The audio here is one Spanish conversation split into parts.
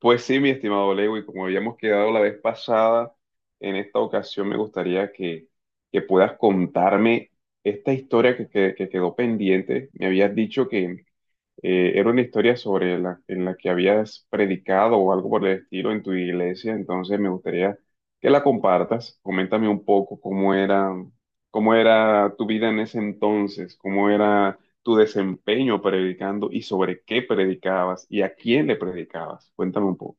Pues sí, mi estimado Lewis, como habíamos quedado la vez pasada, en esta ocasión me gustaría que puedas contarme esta historia que quedó pendiente. Me habías dicho que era una historia sobre la, en la que habías predicado o algo por el estilo en tu iglesia, entonces me gustaría que la compartas. Coméntame un poco cómo era tu vida en ese entonces, cómo era tu desempeño predicando y sobre qué predicabas y a quién le predicabas. Cuéntame un poco.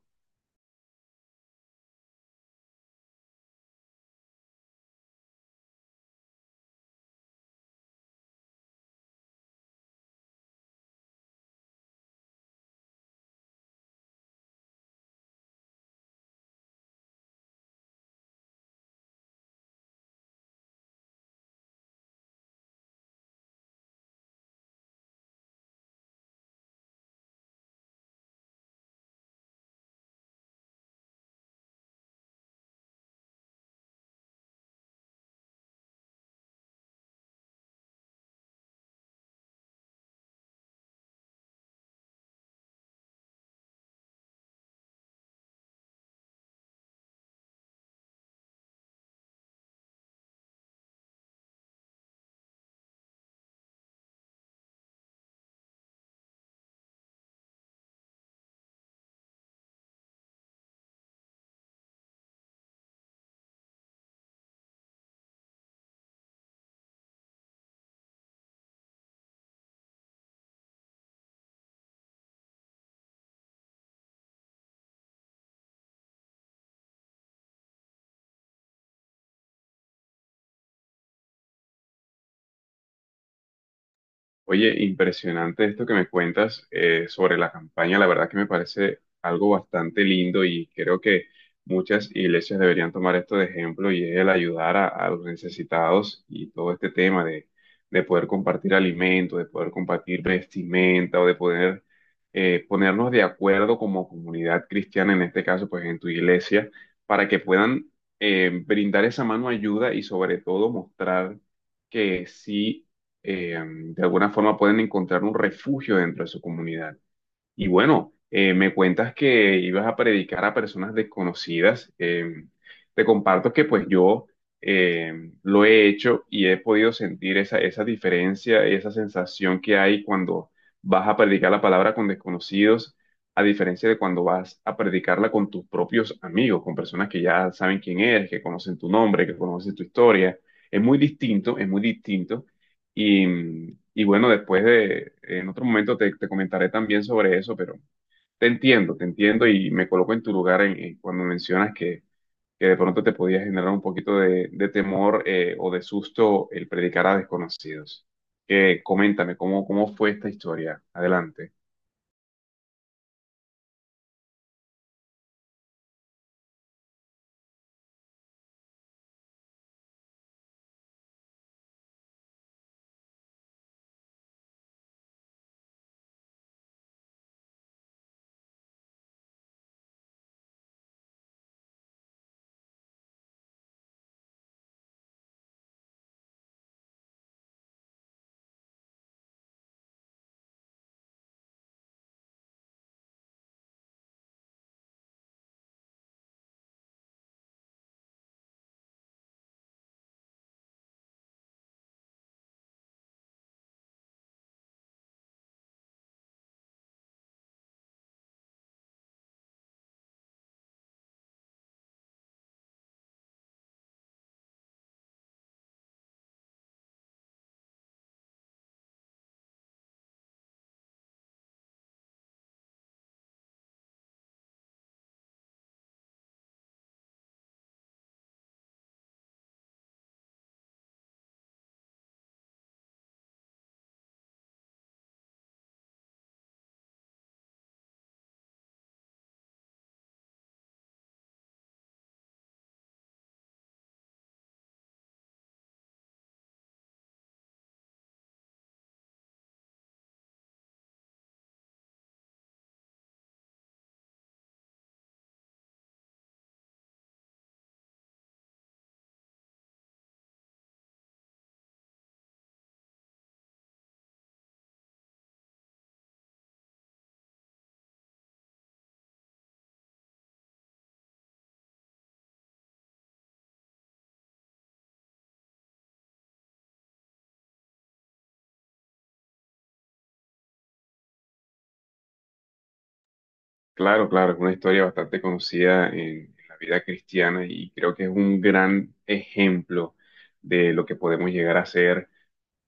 Oye, impresionante esto que me cuentas sobre la campaña. La verdad que me parece algo bastante lindo y creo que muchas iglesias deberían tomar esto de ejemplo y es el ayudar a los necesitados y todo este tema de poder compartir alimentos, de poder compartir vestimenta o de poder ponernos de acuerdo como comunidad cristiana, en este caso, pues en tu iglesia, para que puedan brindar esa mano ayuda y sobre todo mostrar que sí, de alguna forma pueden encontrar un refugio dentro de su comunidad. Y bueno, me cuentas que ibas a predicar a personas desconocidas. Te comparto que pues yo, lo he hecho y he podido sentir esa diferencia, esa sensación que hay cuando vas a predicar la palabra con desconocidos, a diferencia de cuando vas a predicarla con tus propios amigos, con personas que ya saben quién eres, que conocen tu nombre, que conocen tu historia. Es muy distinto, es muy distinto. Y bueno, después de, en otro momento te comentaré también sobre eso, pero te entiendo y me coloco en tu lugar en cuando mencionas que de pronto te podía generar un poquito de temor, o de susto el predicar a desconocidos. Coméntame, ¿cómo, cómo fue esta historia? Adelante. Claro, claro, es una historia bastante conocida en la vida cristiana y creo que es un gran ejemplo de lo que podemos llegar a hacer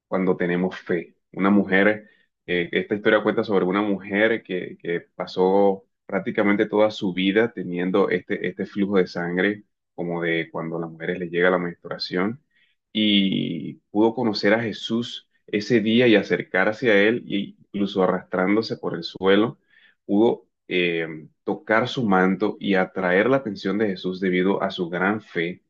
cuando tenemos fe. Una mujer, esta historia cuenta sobre una mujer que pasó prácticamente toda su vida teniendo este, este flujo de sangre, como de cuando a las mujeres les llega la menstruación, y pudo conocer a Jesús ese día y acercarse a él, e incluso arrastrándose por el suelo, pudo tocar su manto y atraer la atención de Jesús debido a su gran fe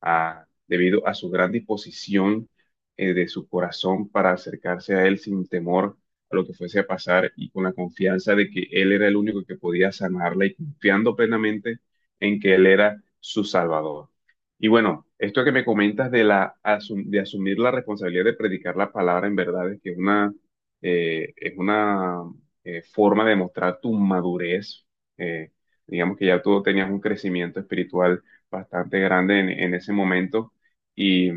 debido a su gran disposición, de su corazón para acercarse a Él sin temor a lo que fuese a pasar y con la confianza de que Él era el único que podía sanarla y confiando plenamente en que Él era su Salvador. Y bueno, esto que me comentas de, la, de asumir la responsabilidad de predicar la palabra en verdad es que una, es una, forma de mostrar tu madurez. eh, digamos que ya tú tenías un crecimiento espiritual bastante grande en ese momento. Y,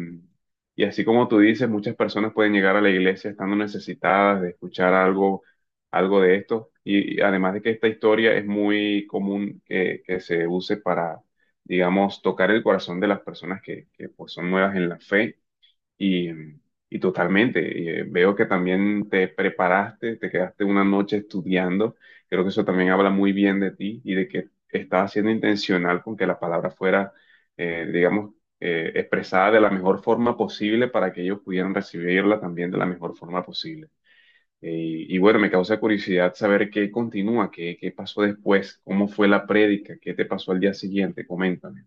y así como tú dices, muchas personas pueden llegar a la iglesia estando necesitadas de escuchar algo, algo de esto. Y además de que esta historia es muy común que se use para, digamos, tocar el corazón de las personas que pues, son nuevas en la fe y, y totalmente, y, veo que también te preparaste, te quedaste una noche estudiando. Creo que eso también habla muy bien de ti y de que estabas siendo intencional con que la palabra fuera, digamos, expresada de la mejor forma posible para que ellos pudieran recibirla también de la mejor forma posible. Y bueno, me causa curiosidad saber qué continúa, qué, qué pasó después, cómo fue la prédica, qué te pasó al día siguiente, coméntame.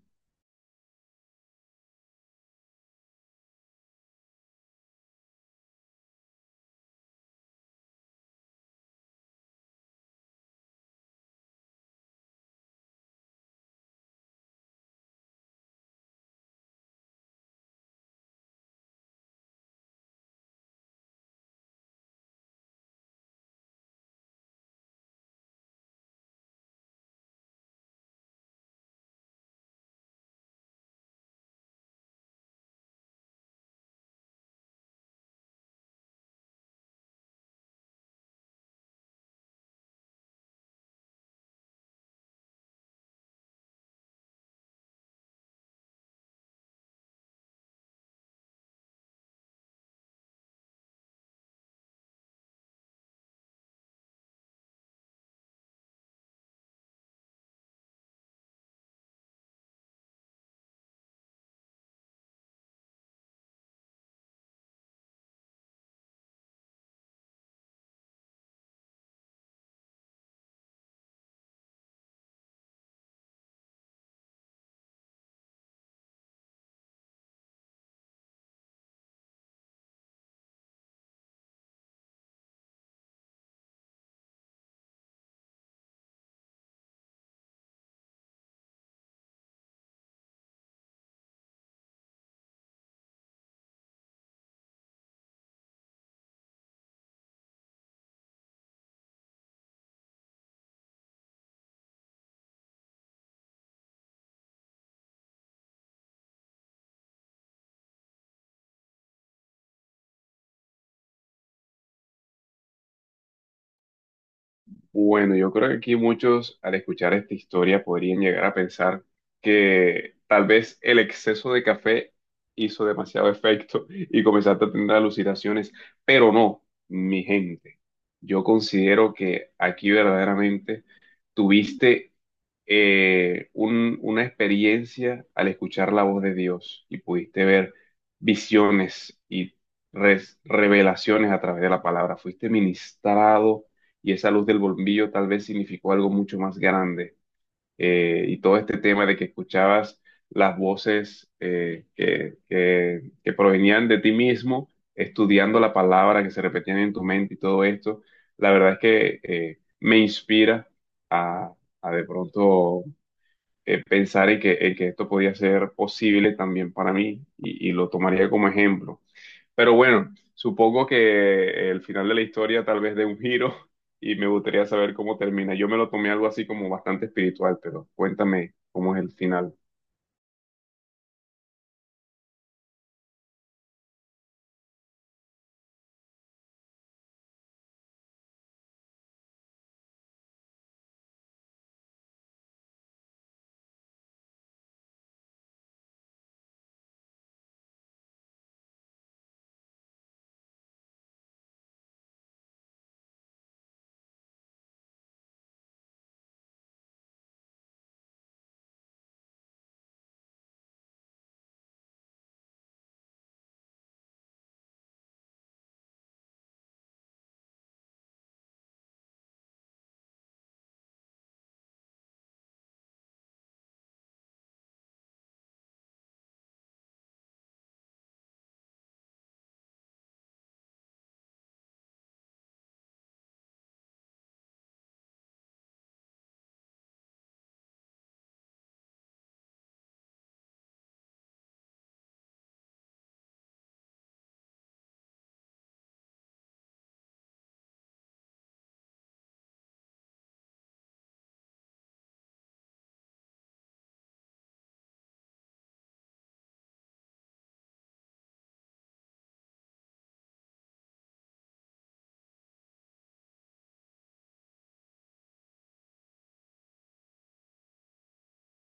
Bueno, yo creo que aquí muchos al escuchar esta historia podrían llegar a pensar que tal vez el exceso de café hizo demasiado efecto y comenzaste a tener alucinaciones, pero no, mi gente. Yo considero que aquí verdaderamente tuviste, una experiencia al escuchar la voz de Dios y pudiste ver visiones y revelaciones a través de la palabra. Fuiste ministrado y esa luz del bombillo tal vez significó algo mucho más grande, y todo este tema de que escuchabas las voces que provenían de ti mismo, estudiando la palabra que se repetían en tu mente y todo esto, la verdad es que, me inspira a, a de pronto, pensar en que esto podía ser posible también para mí y lo tomaría como ejemplo. Pero bueno, supongo que el final de la historia tal vez dé un giro y me gustaría saber cómo termina. Yo me lo tomé algo así como bastante espiritual, pero cuéntame cómo es el final.